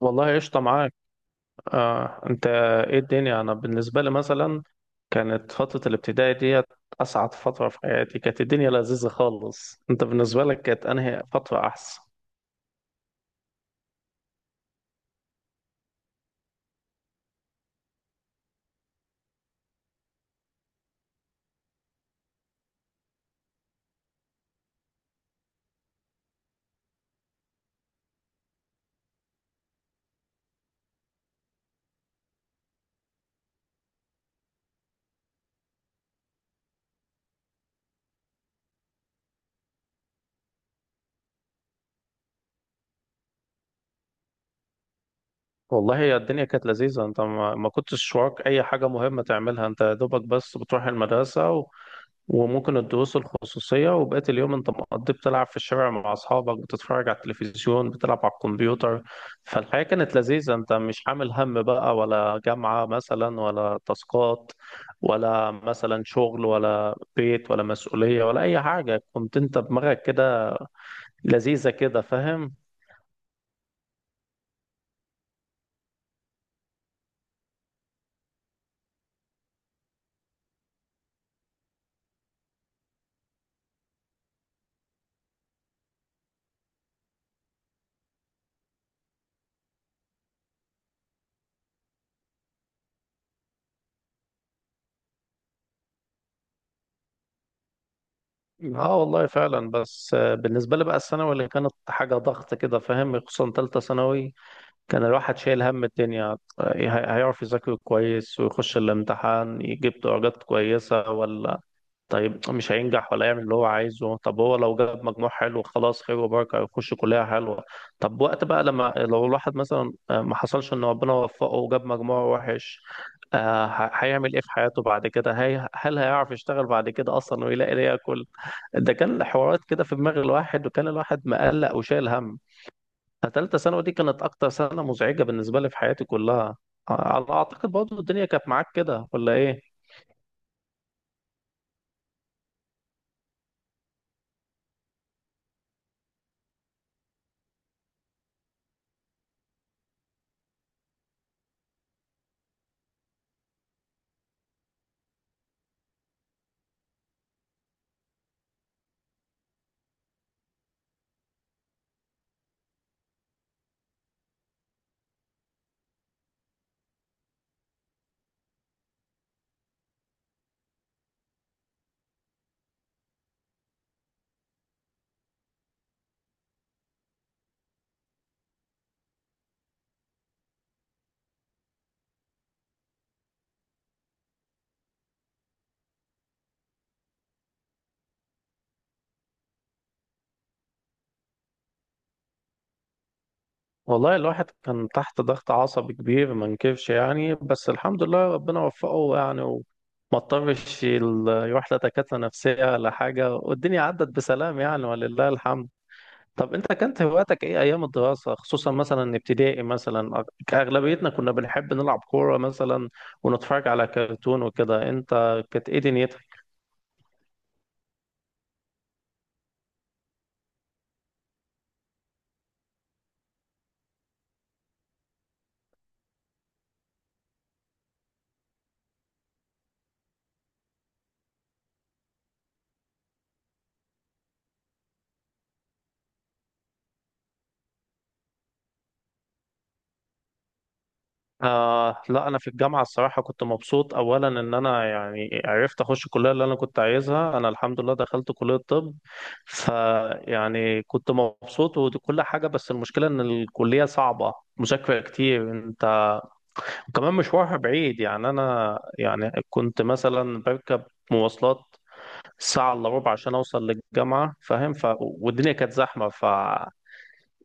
والله قشطة معاك. انت، ايه الدنيا. انا بالنسبة لي مثلا كانت فترة الابتدائي ديت اسعد فترة في حياتي. كانت الدنيا لذيذة خالص. انت بالنسبة لك كانت انهي فترة احسن؟ والله هي الدنيا كانت لذيذة. انت ما كنتش وراك اي حاجة مهمة تعملها، انت يا دوبك بس بتروح المدرسة وممكن الدروس الخصوصية، وبقية اليوم انت مقضي بتلعب في الشارع مع أصحابك، بتتفرج على التلفزيون، بتلعب على الكمبيوتر. فالحياة كانت لذيذة، انت مش عامل هم بقى، ولا جامعة مثلا، ولا تاسكات، ولا مثلا شغل، ولا بيت، ولا مسؤولية، ولا أي حاجة. كنت انت دماغك كده لذيذة كده، فاهم؟ اه والله فعلا. بس بالنسبة لي بقى الثانوي اللي كانت حاجة ضغط كده، فاهم، خصوصا تالتة ثانوي. كان الواحد شايل هم الدنيا، إيه، هيعرف يذاكر كويس ويخش الامتحان يجيب درجات كويسة ولا طيب مش هينجح، ولا يعمل اللي هو عايزه. طب هو لو جاب مجموع حلو خلاص، خير وبركة، يخش كلية حلوة. طب وقت بقى لما لو الواحد مثلا، ما حصلش ان ربنا وفقه وجاب مجموع وحش، هيعمل ايه في حياته بعد كده؟ هي هل هيعرف يشتغل بعد كده اصلا ويلاقي ليه ياكل؟ ده كان حوارات كده في دماغ الواحد، وكان الواحد مقلق وشايل هم. تالتة ثانوي دي كانت أكتر سنة مزعجة بالنسبة لي في حياتي كلها. على أعتقد برضه الدنيا كانت معاك كده ولا إيه؟ والله الواحد كان تحت ضغط عصبي كبير ما انكرش يعني، بس الحمد لله ربنا وفقه يعني، وما اضطرش يروح لدكاترة نفسية ولا حاجة، والدنيا عدت بسلام يعني، ولله الحمد. طب أنت كانت هواياتك إيه أيام الدراسة، خصوصا مثلا ابتدائي مثلا؟ أغلبيتنا كنا بنحب نلعب كورة مثلا، ونتفرج على كرتون وكده. أنت كانت إيه دنيتك؟ آه، لا أنا في الجامعة الصراحة كنت مبسوط، أولا إن أنا يعني عرفت أخش الكلية اللي أنا كنت عايزها. أنا الحمد لله دخلت كلية طب، فيعني كنت مبسوط وكل حاجة. بس المشكلة إن الكلية صعبة، مذاكرة كتير أنت، وكمان مشوارها بعيد. يعني أنا يعني كنت مثلا بركب مواصلات ساعة إلا ربع عشان أوصل للجامعة، فاهم. ف... والدنيا كانت زحمة، ف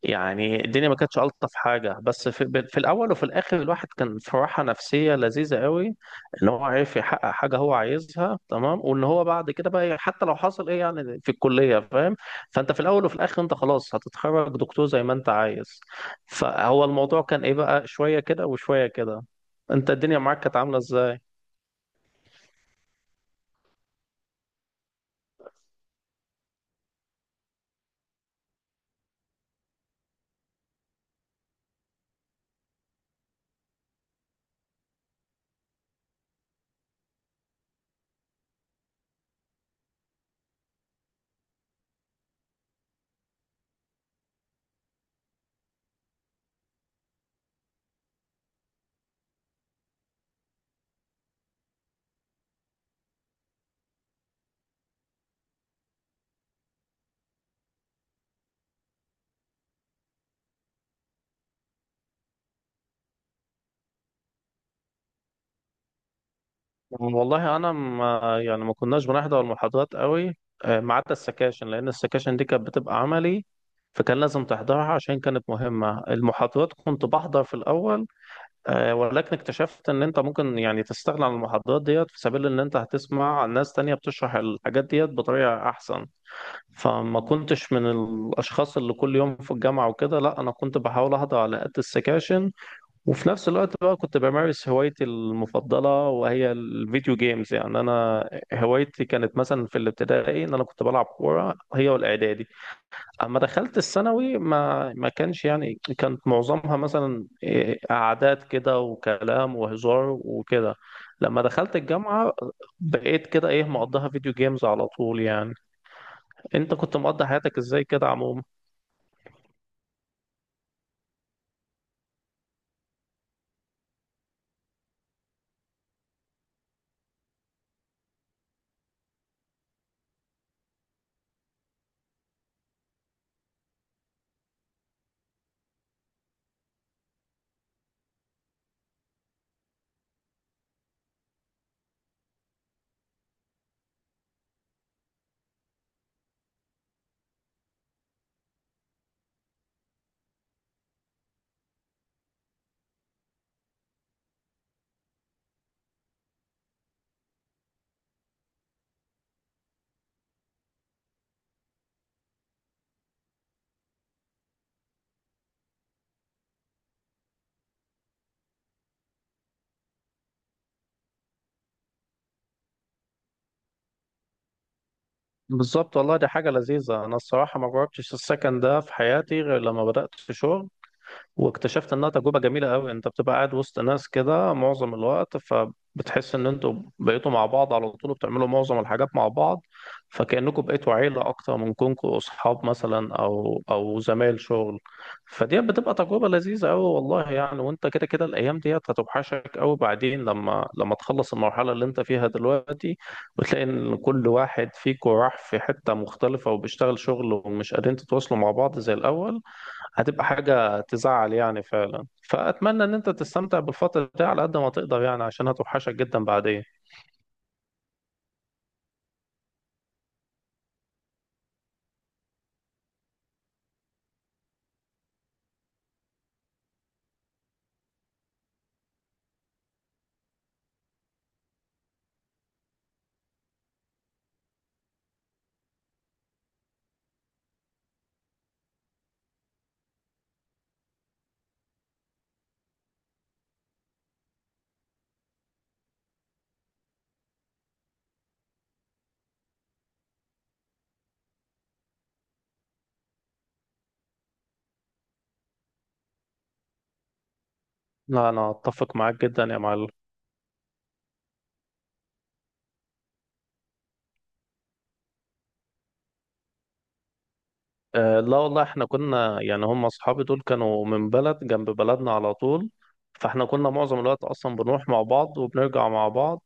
يعني الدنيا ما كانتش ألطف حاجة. بس في الأول وفي الآخر الواحد كان في راحة نفسية لذيذة قوي، إن هو عرف يحقق حاجة هو عايزها تمام، وإن هو بعد كده بقى، إيه، حتى لو حصل إيه يعني في الكلية، فاهم، فأنت في الأول وفي الآخر أنت خلاص هتتخرج دكتور زي ما أنت عايز. فهو الموضوع كان، إيه، بقى شوية كده وشوية كده. أنت الدنيا معاك كانت عاملة إزاي؟ والله انا ما يعني ما كناش بنحضر المحاضرات قوي، ما عدا السكاشن، لان السكاشن دي كانت بتبقى عملي، فكان لازم تحضرها عشان كانت مهمة. المحاضرات كنت بحضر في الاول، ولكن اكتشفت ان انت ممكن يعني تستغنى عن المحاضرات ديت في سبيل ان انت هتسمع ناس تانية بتشرح الحاجات ديت بطريقة احسن. فما كنتش من الاشخاص اللي كل يوم في الجامعة وكده، لا انا كنت بحاول احضر على قد السكاشن. وفي نفس الوقت بقى كنت بمارس هوايتي المفضلة، وهي الفيديو جيمز. يعني أنا هوايتي كانت مثلا في الابتدائي إن أنا كنت بلعب كورة، هي والإعدادي. أما دخلت الثانوي ما كانش يعني، كانت معظمها مثلا، إيه، قعدات كده وكلام وهزار وكده. لما دخلت الجامعة بقيت كده، إيه، مقضيها فيديو جيمز على طول يعني. أنت كنت مقضي حياتك إزاي كده عموما؟ بالظبط والله، دي حاجة لذيذة. أنا الصراحة ما جربتش السكن ده في حياتي غير لما بدأت في شغل، واكتشفت انها تجربه جميله قوي. انت بتبقى قاعد وسط ناس كده معظم الوقت، فبتحس ان انتوا بقيتوا مع بعض على طول، وبتعملوا معظم الحاجات مع بعض، فكأنكم بقيتوا عيله اكتر من كونكم اصحاب مثلا، او زمايل شغل. فدي بتبقى تجربه لذيذه قوي والله يعني. وانت كده كده الايام ديت هتوحشك قوي بعدين، لما تخلص المرحله اللي انت فيها دلوقتي، وتلاقي ان كل واحد فيكم راح في حته مختلفه وبيشتغل شغل ومش قادرين تتواصلوا مع بعض زي الاول. هتبقى حاجة تزعل يعني فعلا. فأتمنى إن أنت تستمتع بالفترة دي على قد ما تقدر يعني، عشان هتوحشك جدا بعدين. لا أنا أتفق معاك جدا يا معلم. أه لا والله، إحنا كنا يعني، هم أصحابي دول كانوا من بلد جنب بلدنا على طول، فإحنا كنا معظم الوقت أصلا بنروح مع بعض وبنرجع مع بعض.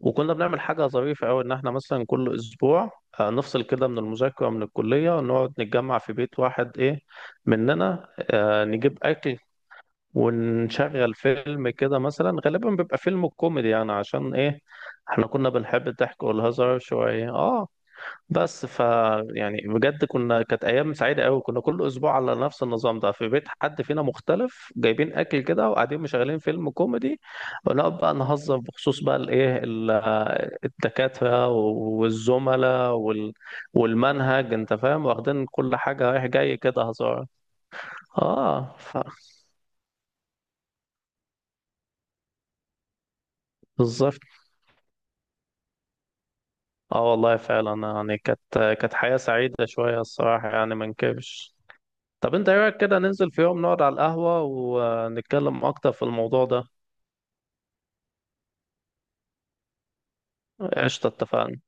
وكنا بنعمل حاجة ظريفة أوي، إن إحنا مثلا كل أسبوع نفصل كده من المذاكرة، من الكلية، ونقعد نتجمع في بيت واحد، إيه، مننا، نجيب أكل، ونشغل فيلم كده مثلا، غالبا بيبقى فيلم كوميدي يعني، عشان ايه، احنا كنا بنحب الضحك والهزار شوية. اه، بس ف، يعني بجد كنا، كانت ايام سعيدة قوي. كنا كل اسبوع على نفس النظام ده، في بيت حد فينا مختلف، جايبين اكل كده وقاعدين مشغلين فيلم كوميدي، ونقعد بقى نهزر بخصوص بقى الدكاترة والزملاء، وال... والمنهج، انت فاهم، واخدين كل حاجة رايح جاي كده هزار. اه ف، بالظبط. اه والله فعلا يعني، كانت حياة سعيدة شوية الصراحة يعني، ما نكبش. طب انت ايه رأيك كده ننزل في يوم نقعد على القهوة ونتكلم اكتر في الموضوع ده؟ قشطة، اتفقنا.